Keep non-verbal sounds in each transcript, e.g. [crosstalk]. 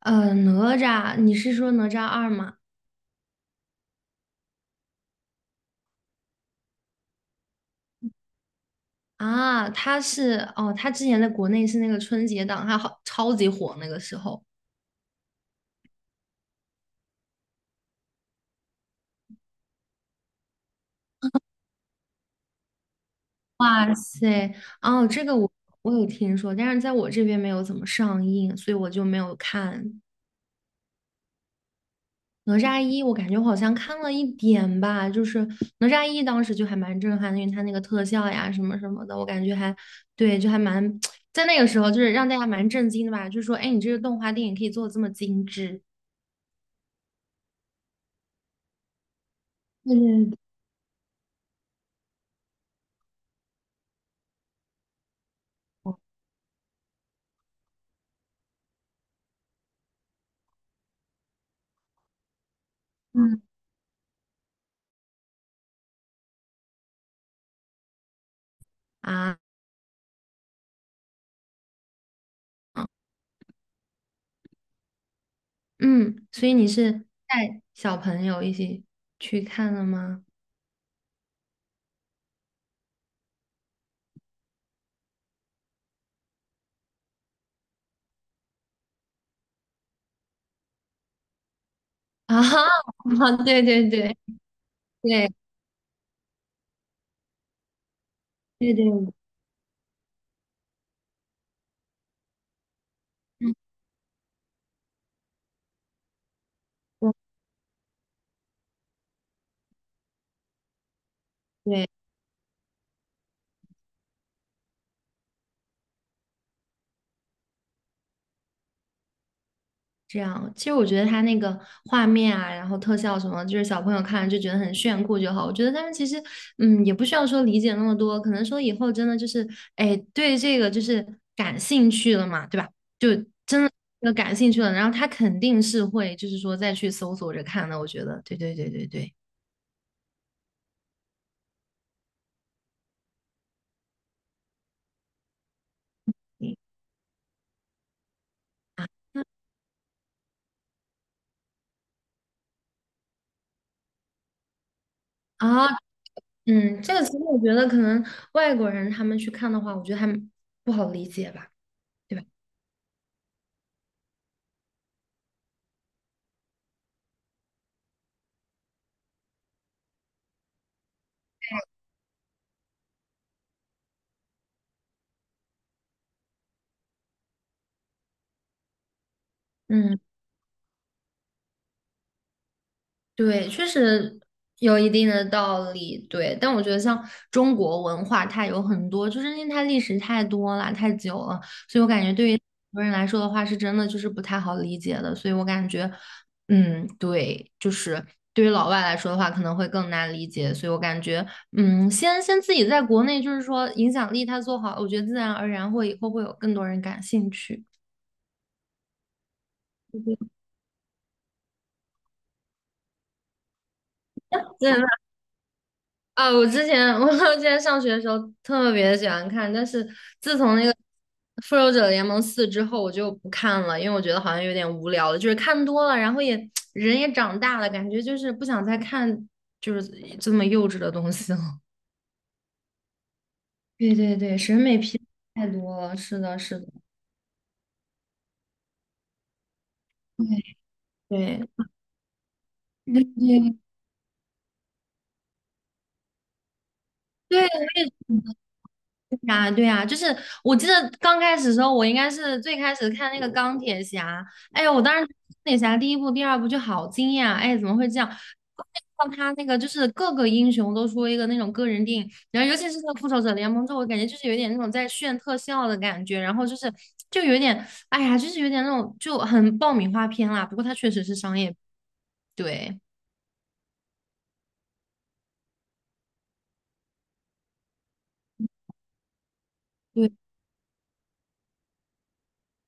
哪吒，你是说哪吒二吗？啊，他是哦，他之前在国内是那个春节档，他好超级火那个时候。哇塞，哦，这个我有听说，但是在我这边没有怎么上映，所以我就没有看。哪吒一，我感觉我好像看了一点吧，就是哪吒一当时就还蛮震撼的，因为它那个特效呀什么什么的，我感觉还对，就还蛮 [tsk] 在那个时候就是让大家蛮震惊的吧，就是说，哎，诶你这个动画电影可以做的这么精致。对对对，啊，嗯，所以你是带小朋友一起去看了吗？啊，[laughs] 对对对对对对，嗯对对，这样。其实我觉得他那个画面啊，然后特效什么，就是小朋友看了就觉得很炫酷就好。我觉得他们其实，也不需要说理解那么多，可能说以后真的就是，哎，对这个就是感兴趣了嘛，对吧？就真的就感兴趣了，然后他肯定是会，就是说再去搜索着看的。我觉得，对对对对对。嗯。啊，这个其实我觉得可能外国人他们去看的话，我觉得还不好理解吧，对吧？嗯。对，确实有一定的道理。对，但我觉得像中国文化，它有很多，就是因为它历史太多了、太久了，所以我感觉对于很多人来说的话，是真的就是不太好理解的。所以我感觉，嗯，对，就是对于老外来说的话，可能会更难理解。所以我感觉，先自己在国内，就是说影响力它做好，我觉得自然而然会以后会有更多人感兴趣。对，啊，我之前 [laughs] 我之前上学的时候特别喜欢看，但是自从那个《复仇者联盟四》之后，我就不看了，因为我觉得好像有点无聊了，就是看多了，然后也 [tsk] 人也长大了，感觉就是不想再看就是这么幼稚的东西了。[laughs] 对对对，审美疲劳太多了，是的，是的，对对。对对啊，对啊，就是我记得刚开始的时候，我应该是最开始看那个钢铁侠，哎呀，我当时钢铁侠第一部、第二部就好惊讶，哎，怎么会这样？像他那个就是各个英雄都出了一个那种个人电影，然后尤其是那个复仇者联盟之后，我感觉就是有点那种在炫特效的感觉，然后就是就有点，哎呀，就是有点那种就很爆米花片啦。不过它确实是商业，对对。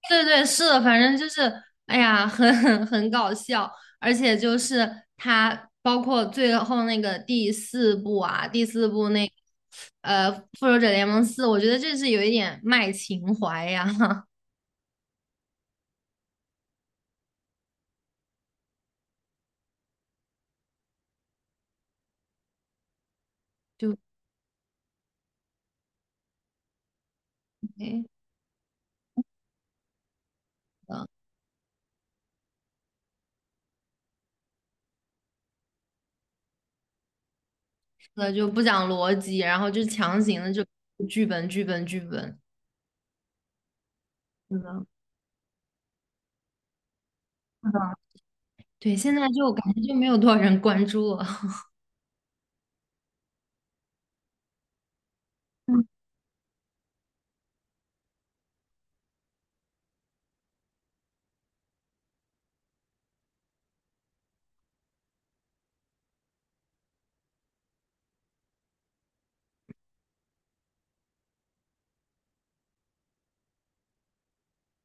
对对，是的，反正就是，哎呀，很 [laughs] 很搞笑，而且就是他包括最后那个第四部啊，第四部那呃《复仇者联盟四》，我觉得这是有一点卖情怀呀，[laughs] 就对的，是的就不讲逻辑，然后就强行的就剧本剧本剧本，是的，是的，对，现在就感觉就没有多少人关注了。[laughs]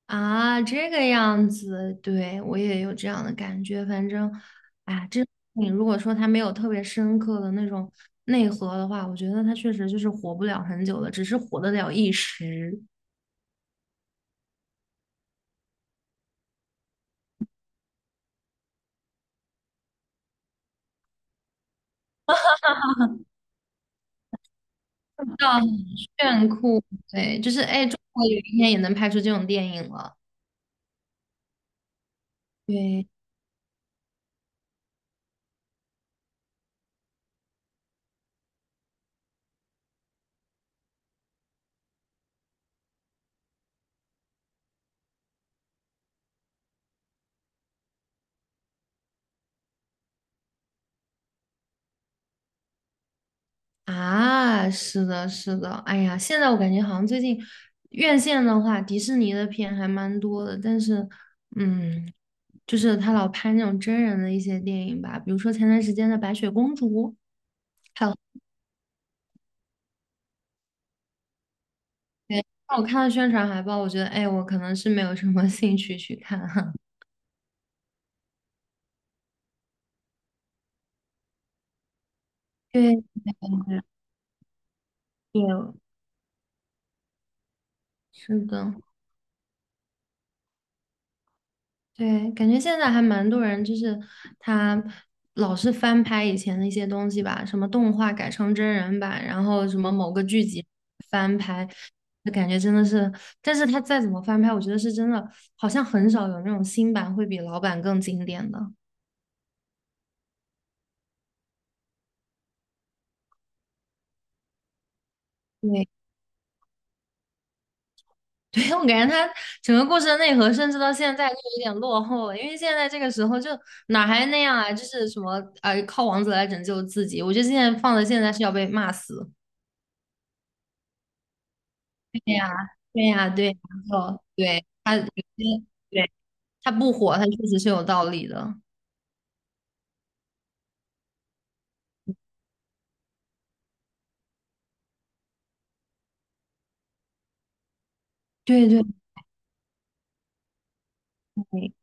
啊，这个样子，对，我也有这样的感觉。反正，哎，这你如果说它没有特别深刻的那种内核的话，我觉得它确实就是活不了很久的，只是活得了一时。到很炫酷，对，就是哎，中国有一天也能拍出这种电影了。对，啊，是的，是的，哎呀，现在我感觉好像最近院线的话，迪士尼的片还蛮多的，但是，嗯，就是他老拍那种真人的一些电影吧，比如说前段时间的《白雪公主》，还有那我看了宣传海报，我觉得，哎，我可能是没有什么兴趣去看哈。[laughs] 对，对，是的。对，感觉现在还蛮多人，就是他老是翻拍以前的一些东西吧，什么动画改成真人版，然后什么某个剧集翻拍，就感觉真的是，但是他再怎么翻拍，我觉得是真的，好像很少有那种新版会比老版更经典的。对，[laughs] 对，我感觉他整个故事的内核，甚至到现在都有点落后了，因为现在这个时候就哪还那样啊，就是什么靠王子来拯救自己，我觉得现在放在现在是要被骂死。对呀，对呀，对然后对，他有些，对，他不火，他确实是有道理的。对对对，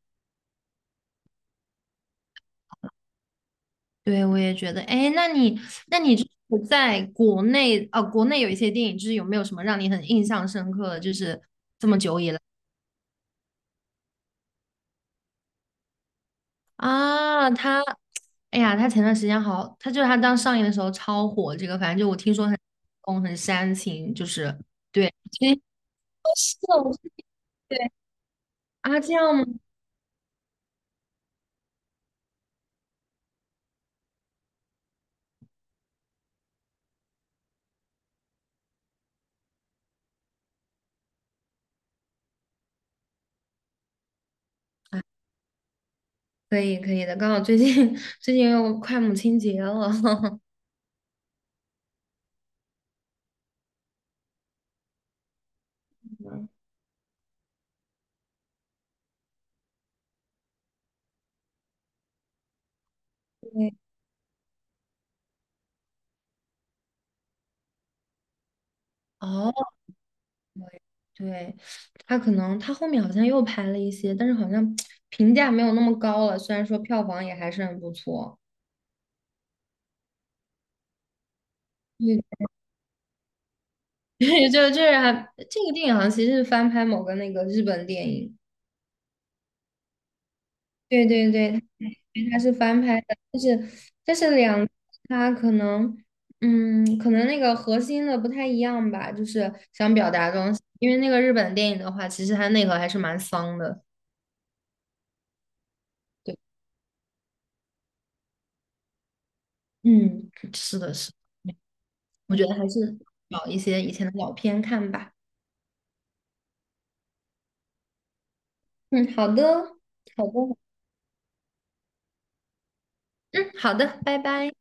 对我也觉得。哎，那你就是在国内啊，国内有一些电影，就是有没有什么让你很印象深刻的？就是啊，他，哎呀，他前段时间好，他就是他刚上映的时候超火，这个反正就我听说很轰，很煽情，就是对，其实是我是对啊，这样吗？可以可以的，刚好最近 [laughs] 最近又快母亲节了。[laughs] 嗯，对，哦，对，他可能他后面好像又拍了一些，但是好像评价没有那么高了。虽然说票房也还是很不错，对，[laughs] 对就是还这个电影好像其实是翻拍某个那个日本电影。对对对，因为它是翻拍的，但是它可能，可能那个核心的不太一样吧，就是想表达的东西。因为那个日本电影的话，其实它内核还是蛮丧的。对，嗯，是的，是的，我觉得还是找一些以前的老片看吧。嗯，好的，好的，嗯，好的，拜拜。